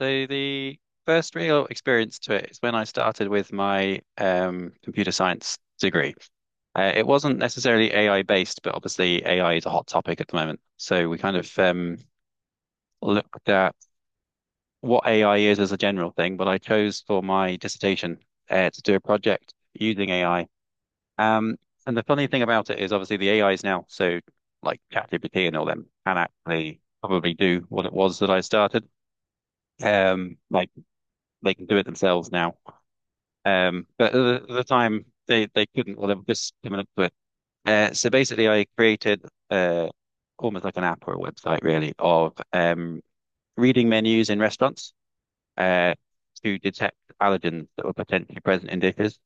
So the first real experience to it is when I started with my computer science degree. It wasn't necessarily AI based, but obviously AI is a hot topic at the moment. So we kind of looked at what AI is as a general thing, but I chose for my dissertation to do a project using AI. Um, and the funny thing about it is obviously the A is now, so like ChatGPT and all them, can actually probably do what it was that I started. Like they can do it themselves now. But at the, time, they couldn't, well, they were just coming up to it. So basically, I created uh, almost like an app or a website, really, of reading menus in restaurants uh, to detect allergens that were potentially present in dishes.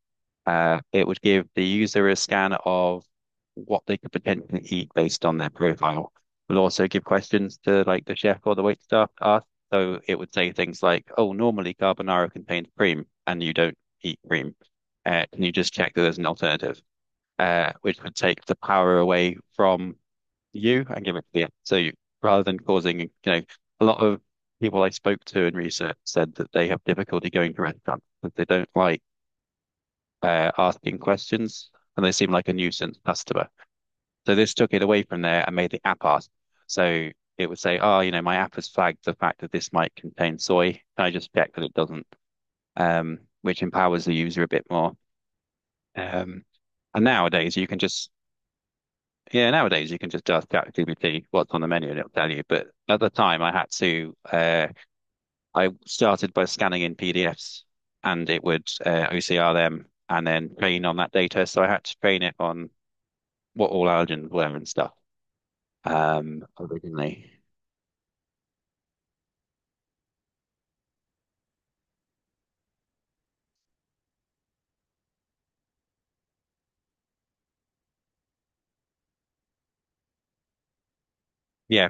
It would give the user a scan of what they could potentially eat based on their profile. We'll also give questions to like the chef or the waiter staff to ask. So it would say things like, "Oh, normally carbonara contains cream, and you don't eat cream. Can you just check that there's an alternative?" Which would take the power away from you and give it to the app. So you, rather than causing, a lot of people I spoke to in research said that they have difficulty going to restaurants because they don't like asking questions, and they seem like a nuisance customer. So this took it away from there and made the app ask. So it would say, "Oh, you know, my app has flagged the fact that this might contain soy. Can I just check that it doesn't?" Which empowers the user a bit more. Um, And nowadays you can just, yeah, nowadays you can just ask ChatGPT what's on the menu and it'll tell you. But at the time I had to, I started by scanning in PDFs and it would OCR them and then train on that data. So I had to train it on what all allergens were and stuff. Originally, yeah,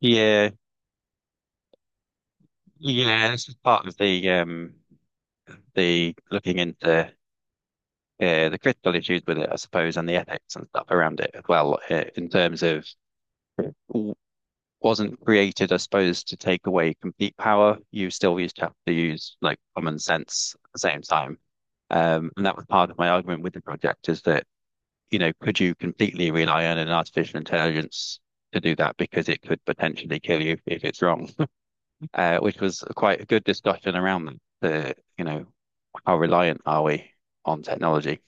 yeah, yeah. This is part of the the looking into the critical issues with it, I suppose, and the ethics and stuff around it as well. In terms of w- wasn't created, I suppose, to take away complete power. You still used to have to use like common sense at the same time. And that was part of my argument with the project is that you know, could you completely rely on an artificial intelligence to do that because it could potentially kill you if it's wrong, which was quite a good discussion around that. The, you know, how reliant are we on technology?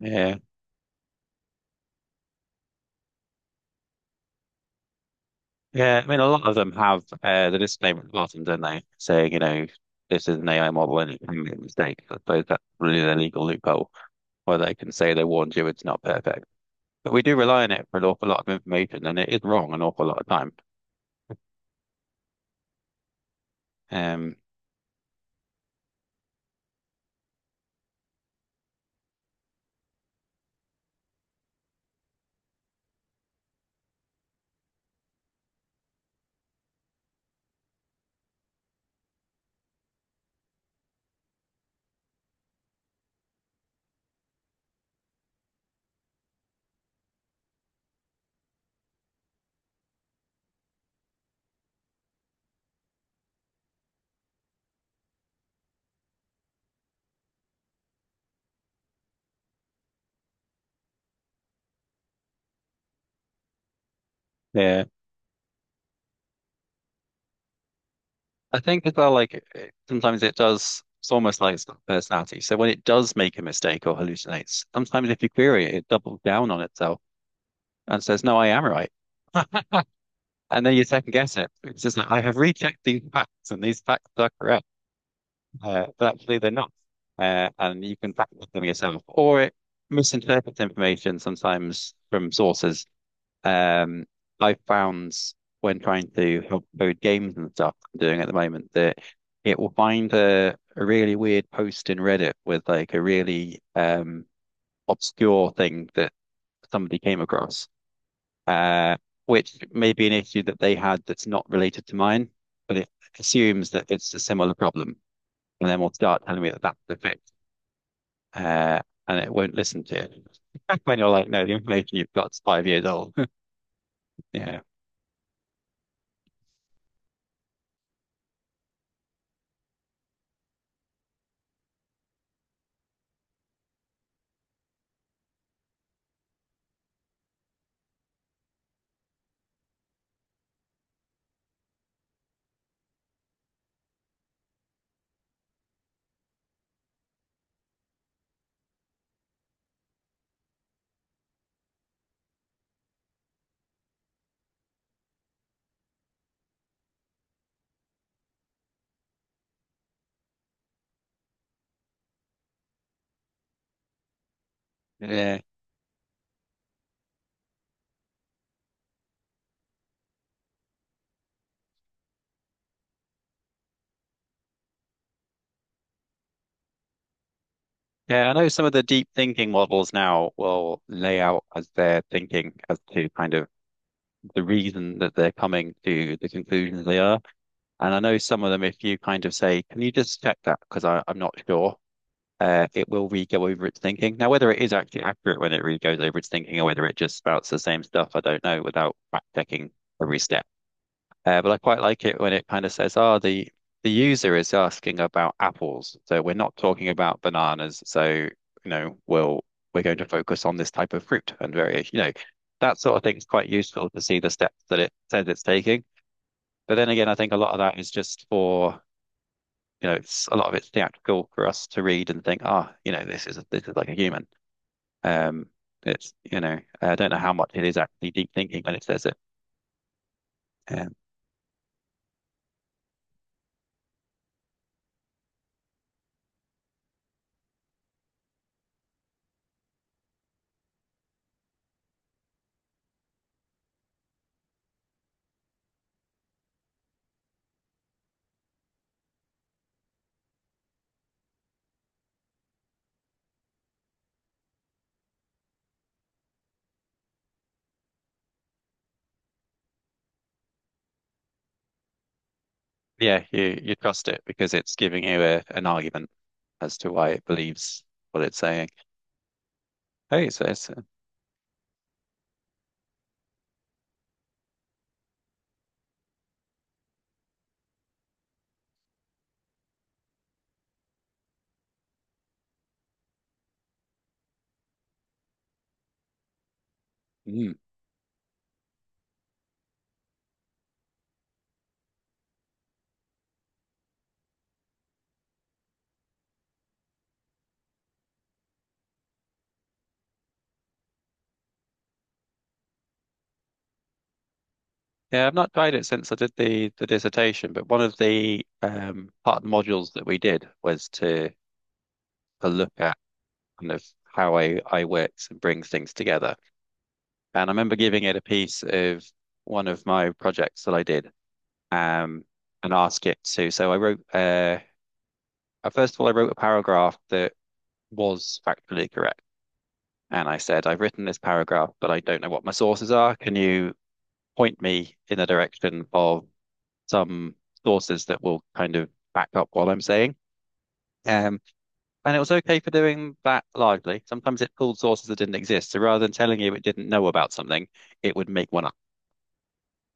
Yeah. Yeah, I mean, a lot of them have the disclaimer at the bottom, don't they? Saying, you know, this is an AI model and it can make mistakes. I suppose that's really the legal loophole where they can say they warned you it's not perfect. But we do rely on it for an awful lot of information and it is wrong an awful lot of time. Um, yeah. I think as well, like sometimes it does, it's almost like it's got personality. So when it does make a mistake or hallucinates, sometimes if you query it, it doubles down on itself and says, no, I am right. And then you second guess it. It's just like, I have rechecked these facts and these facts are correct, but actually they're not. And you can fact check them yourself. Or it misinterprets information sometimes from sources. Um, I found when trying to help code games and stuff I'm doing at the moment that it will find a really weird post in Reddit with like a really obscure thing that somebody came across, uh, which may be an issue that they had that's not related to mine, but it assumes that it's a similar problem, and then will start telling me that that's the fix, uh, and it won't listen to it. When you're like, no, the information you've got is 5 years old. Yeah, yeah. Yeah, I know some of the deep thinking models now will lay out as they're thinking as to kind of the reason that they're coming to the conclusions they are. And I know some of them, if you kind of say, can you just check that? Because I'm not sure, it will re-go over its thinking. Now, whether it is actually accurate when it re-goes over its thinking or whether it just spouts the same stuff, I don't know without fact checking every step. But I quite like it when it kind of says, "Oh, the user is asking about apples, so we're not talking about bananas. So you know, we're going to focus on this type of fruit and variation. You know, that sort of thing is quite useful to see the steps that it says it's taking. But then again, I think a lot of that is just for you know, it's a lot of it's theatrical for us to read and think, "Ah, oh, you know, this is like a human." Um, it's you know, I don't know how much it is actually deep thinking when it says it. Um, Yeah, you trust it because it's giving you an argument as to why it believes what it's saying. Hey, so it's, mm. Yeah, I've not tried it since I did the dissertation, but one of the part of the modules that we did was to look at kind of how AI, works and brings things together. And I remember giving it a piece of one of my projects that I did, um, and ask it to. So I wrote first of all, I wrote a paragraph that was factually correct. And I said, I've written this paragraph, but I don't know what my sources are. Can you point me in the direction of some sources that will kind of back up what I'm saying? Um, and it was okay for doing that largely. Sometimes it pulled sources that didn't exist. So rather than telling you it didn't know about something, it would make one up.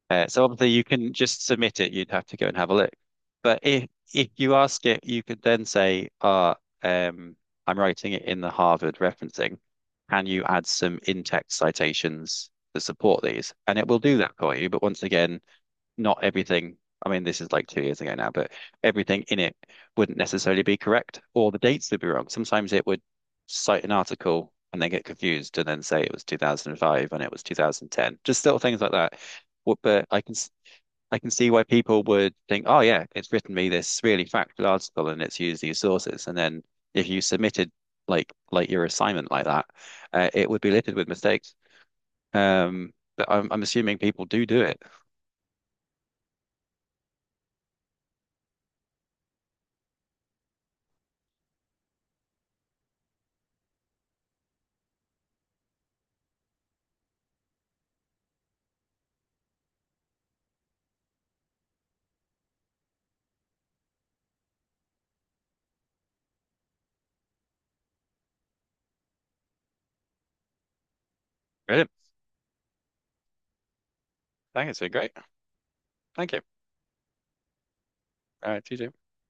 So obviously you can just submit it. You'd have to go and have a look. But if you ask it, you could then say, "Ah, um, I'm writing it in the Harvard referencing. Can you add some in-text citations to support these?" And it will do that for you. But once again, not everything. I mean, this is like 2 years ago now, but everything in it wouldn't necessarily be correct, or the dates would be wrong. Sometimes it would cite an article and then get confused and then say it was 2005 and it was 2010. Just little things like that. Wh- But I can s- I can see why people would think, oh yeah, it's written me this really factual article and it's used these sources. And then if you submitted like your assignment like that, it would be littered with mistakes. But I'm assuming people do do it. Brilliant. Thank you. It's been great. Thank you. All right, TJ.